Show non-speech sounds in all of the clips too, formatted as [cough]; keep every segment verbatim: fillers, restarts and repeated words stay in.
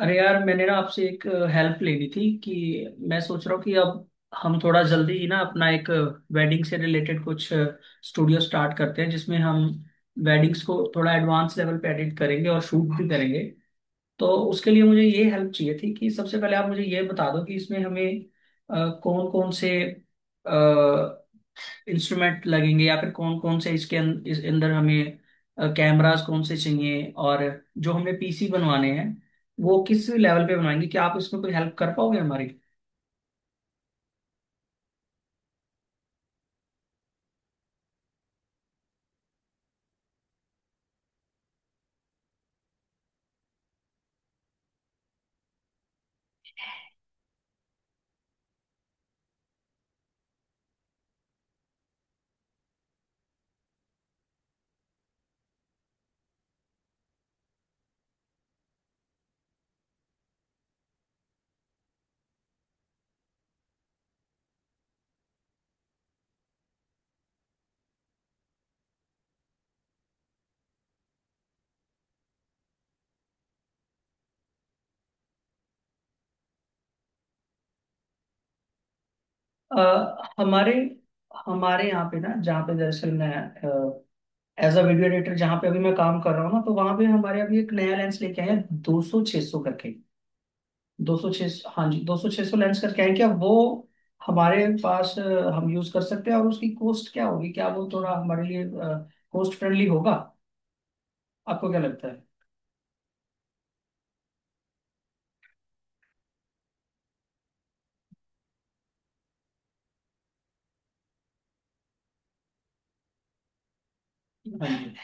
अरे यार, मैंने ना आपसे एक हेल्प लेनी थी कि मैं सोच रहा हूँ कि अब हम थोड़ा जल्दी ही ना अपना एक वेडिंग से रिलेटेड कुछ स्टूडियो स्टार्ट करते हैं, जिसमें हम वेडिंग्स को थोड़ा एडवांस लेवल पे एडिट करेंगे और शूट भी करेंगे। तो उसके लिए मुझे ये हेल्प चाहिए थी कि सबसे पहले आप मुझे ये बता दो कि इसमें हमें कौन कौन से इंस्ट्रूमेंट लगेंगे, या फिर कौन कौन से इसके अं, इस अंदर हमें कैमरास कौन से चाहिए, और जो हमें पीसी बनवाने हैं वो किस लेवल पे बनवाएंगे। क्या आप इसमें कोई हेल्प कर पाओगे हमारी? अ, हमारे हमारे यहाँ पे ना, जहाँ पे दरअसल मैं एज अ वीडियो एडिटर जहाँ पे अभी मैं काम कर रहा हूँ ना, तो वहाँ पे हमारे अभी एक नया लेंस लेके आए हैं, दो सौ छः सौ करके। दो सौ छह सौ, हाँ जी, दो सौ छह सौ लेंस का क्या है, क्या वो हमारे पास अ, हम यूज कर सकते हैं? और उसकी कॉस्ट क्या होगी, क्या वो थोड़ा हमारे लिए कॉस्ट फ्रेंडली होगा? आपको क्या लगता है? हाँ जी।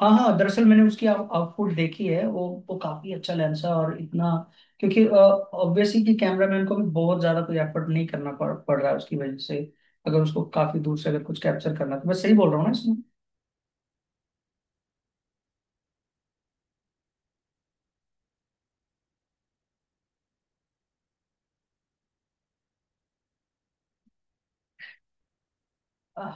हाँ हाँ, दरअसल मैंने उसकी आउटपुट देखी है, वो वो काफी अच्छा लेंस है। और इतना क्योंकि ऑब्वियसली कि कैमरामैन को भी बहुत ज्यादा कोई एफर्ट नहीं करना पड़ पड़ रहा है उसकी वजह से, अगर उसको काफी दूर से अगर कुछ कैप्चर करना है। तो मैं सही बोल रहा हूँ ना? इसमें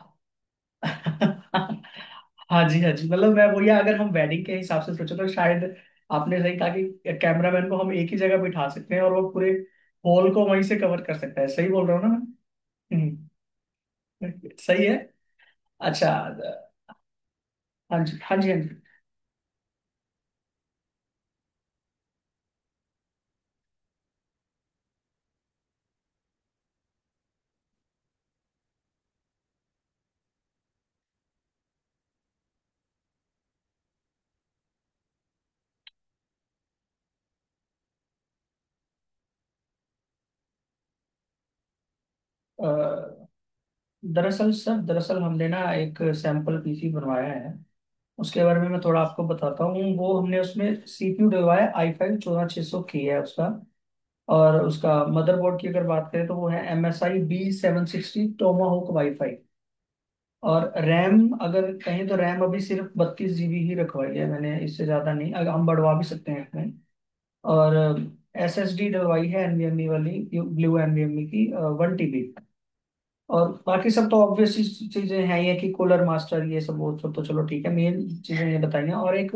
हाँ जी, हाँ जी, मतलब मैं वही, अगर हम वेडिंग के हिसाब से सोचे तो शायद आपने सही कहा कि कैमरामैन को हम एक ही जगह बिठा सकते हैं और वो पूरे हॉल को वहीं से कवर कर सकता है। सही बोल रहा हूँ ना मैं? हम्म, हम्म। सही है। अच्छा। हाँ जी, हाँ जी, हाँ जी। अ, दरअसल सर, दरअसल हमने ना एक सैंपल पीसी बनवाया है, उसके बारे में मैं थोड़ा आपको बताता हूँ। वो हमने उसमें सीपीयू डलवाया आई फाइव चौदह छः सौ के है उसका। और उसका मदरबोर्ड की अगर बात करें तो वो है M S I B seven sixty Tomahawk WiFi. और रैम अगर कहें तो रैम अभी सिर्फ बत्तीस जीबी ही रखवाई है मैंने, इससे ज़्यादा नहीं। अगर हम बढ़वा भी सकते हैं इसमें। और एस एस डी डलवाई है NVMe वाली, ब्लू NVMe की, वन टीबी। और बाकी सब तो ऑब्वियस चीज़ें हैं ये कि कूलर मास्टर, ये सब, वो सब तो चलो ठीक है। मेन चीज़ें ये बताई हैं। और एक,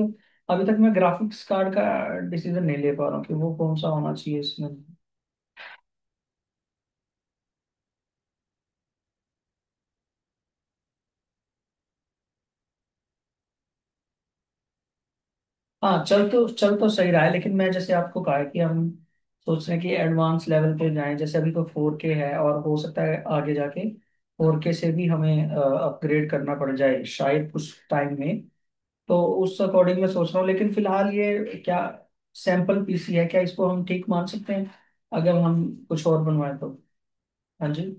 अभी तक मैं ग्राफिक्स कार्ड का डिसीजन नहीं ले पा रहा हूँ कि वो कौन सा होना चाहिए इसमें। हाँ, चल तो चल तो सही रहा है, लेकिन मैं जैसे आपको कहा है कि हम सोच रहे हैं कि एडवांस लेवल पे जाएं। जैसे अभी तो फोर के है और हो सकता है आगे जाके फोर के से भी हमें अपग्रेड करना पड़ जाए शायद कुछ टाइम में। तो उस अकॉर्डिंग मैं सोच रहा हूँ। लेकिन फिलहाल ये क्या सैंपल पीसी है, क्या इसको हम ठीक मान सकते हैं अगर हम कुछ और बनवाएं तो? हाँ जी।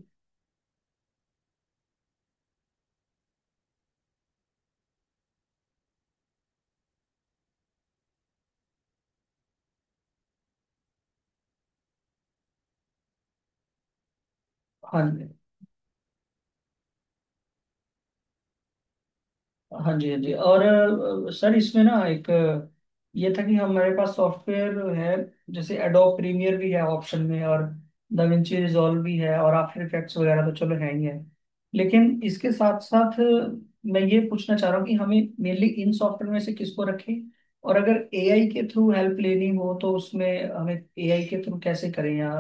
हाँ, हाँ जी, हाँ जी। और अ, सर, इसमें ना एक अ, ये था कि हमारे पास सॉफ्टवेयर है जैसे एडोब प्रीमियर भी है ऑप्शन में, और दाविंची रिजॉल्व भी है, और आफ्टर इफेक्ट्स वगैरह तो चलो है ही है। लेकिन इसके साथ साथ मैं ये पूछना चाह रहा हूँ कि हमें मेनली इन सॉफ्टवेयर में से किसको रखें? और अगर एआई के थ्रू हेल्प लेनी हो तो उसमें हमें एआई के थ्रू कैसे करें, या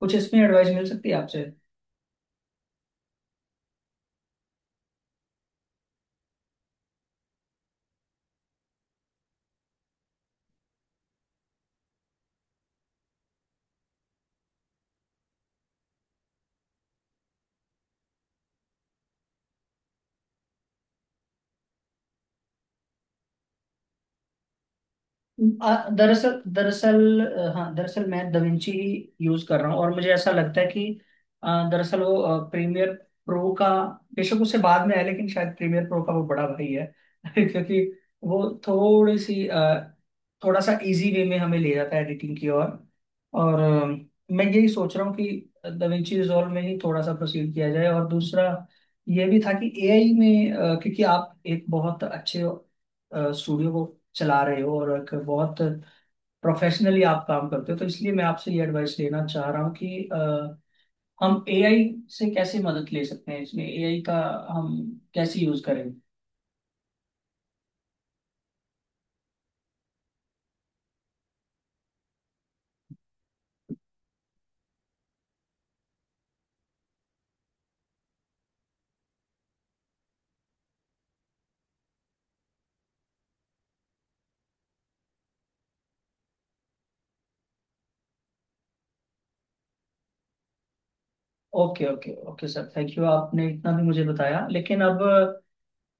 कुछ इसमें एडवाइस मिल सकती है आपसे? आ, दरअसल दरअसल अ, हाँ, दरअसल मैं दविंची ही यूज कर रहा हूँ, और मुझे ऐसा लगता है कि अ, दरअसल वो प्रीमियर प्रो का बेशक उससे बाद में है, लेकिन शायद प्रीमियर प्रो का वो बड़ा भाई है [laughs] क्योंकि वो थोड़ी सी अ, थोड़ा सा इजी वे में हमें ले जाता है एडिटिंग की ओर। और अ, मैं यही सोच रहा हूँ कि दविंची रिजॉल्व में ही थोड़ा सा प्रोसीड किया जाए। और दूसरा ये भी था कि एआई में, अ, क्योंकि आप एक बहुत अच्छे स्टूडियो चला रहे हो, और एक बहुत प्रोफेशनली आप काम करते हो, तो इसलिए मैं आपसे ये एडवाइस लेना चाह रहा हूँ कि अ, हम एआई से कैसे मदद ले सकते हैं, इसमें एआई का हम कैसे यूज करें? Okay, okay, okay sir, thank you. आपने इतना भी मुझे बताया, लेकिन अब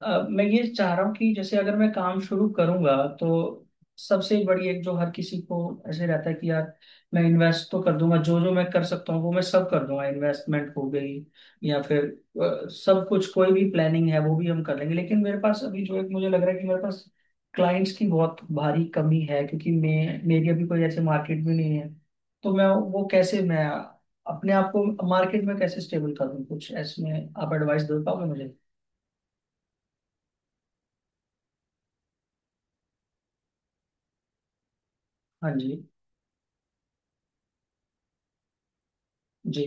अ, मैं ये चाह रहा हूँ कि जैसे अगर मैं काम शुरू करूंगा, तो सबसे बड़ी एक जो हर किसी को ऐसे रहता है कि यार, मैं इन्वेस्ट तो कर दूंगा, जो जो मैं कर सकता हूँ वो मैं सब कर दूंगा, इन्वेस्टमेंट हो गई, या फिर अ, सब कुछ कोई भी प्लानिंग है वो भी हम कर लेंगे, लेकिन मेरे पास अभी जो एक मुझे लग रहा है कि मेरे पास क्लाइंट्स की बहुत भारी कमी है, क्योंकि मैं मेरी अभी कोई ऐसे मार्केट भी नहीं है। तो मैं वो कैसे मैं अपने आप को मार्केट में कैसे स्टेबल करूँ, कुछ ऐसे में आप एडवाइस दे पाओगे मुझे? हाँ जी। जी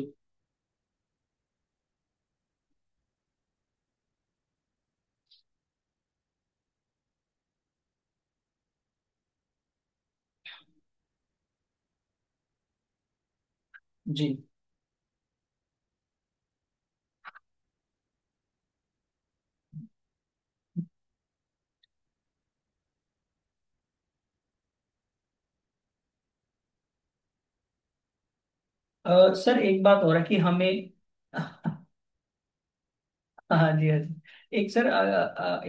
जी अ, सर एक बात हो रहा है कि हमें [laughs] हाँ जी, हाँ जी, एक सर,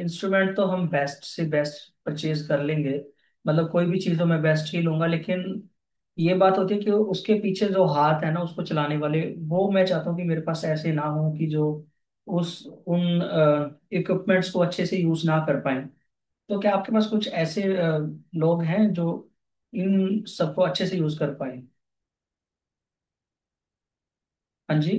इंस्ट्रूमेंट तो हम बेस्ट से बेस्ट परचेज कर लेंगे, मतलब कोई भी चीज़ तो मैं बेस्ट ही लूंगा। लेकिन ये बात होती है कि उसके पीछे जो हाथ है ना, उसको चलाने वाले, वो मैं चाहता हूँ कि मेरे पास ऐसे ना हो कि जो उस उन इक्विपमेंट्स को अच्छे से यूज ना कर पाए। तो क्या आपके पास कुछ ऐसे अ, लोग हैं जो इन सबको अच्छे से यूज कर पाए? हाँ जी।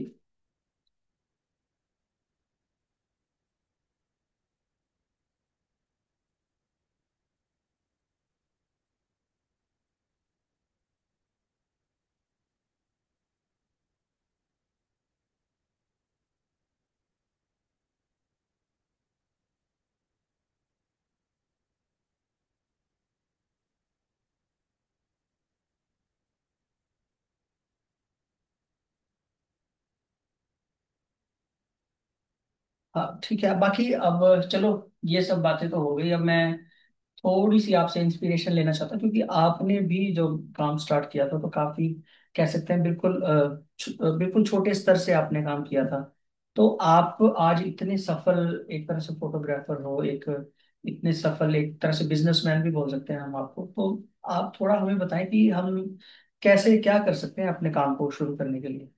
हाँ ठीक है, बाकी अब चलो ये सब बातें तो हो गई। अब मैं थोड़ी सी आपसे इंस्पिरेशन लेना चाहता हूँ, क्योंकि आपने भी जो काम स्टार्ट किया था तो काफी कह सकते हैं बिल्कुल, अ, छ- अ, बिल्कुल छोटे स्तर से आपने काम किया था। तो आप आज इतने सफल एक तरह से फोटोग्राफर हो, एक इतने सफल एक तरह से बिजनेसमैन भी बोल सकते हैं हम आपको। तो आप थोड़ा हमें बताएं कि हम कैसे क्या कर सकते हैं अपने काम को शुरू करने के लिए?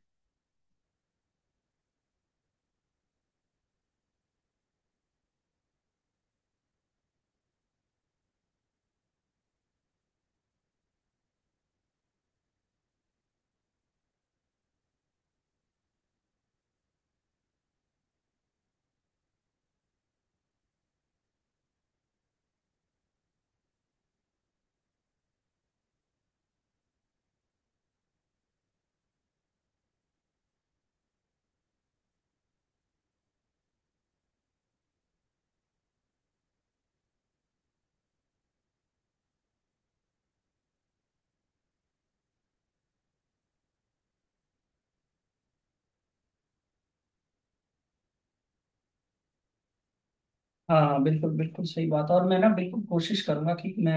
हाँ, बिल्कुल बिल्कुल सही बात है। और मैं ना बिल्कुल कोशिश करूंगा कि मैं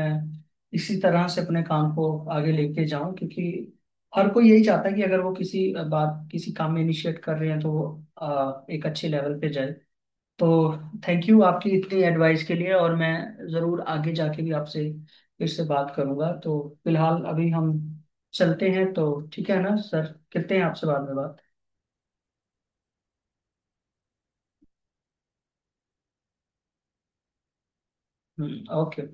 इसी तरह से अपने काम को आगे लेके जाऊं, क्योंकि हर कोई यही चाहता है कि अगर वो किसी बात किसी काम में इनिशिएट कर रहे हैं तो वो अ, एक अच्छे लेवल पे जाए। तो थैंक यू आपकी इतनी एडवाइस के लिए, और मैं ज़रूर आगे जाके भी आपसे फिर से बात करूंगा। तो फिलहाल अभी हम चलते हैं तो। ठीक है ना सर, करते हैं आपसे बाद में बात। हम्म, ओके।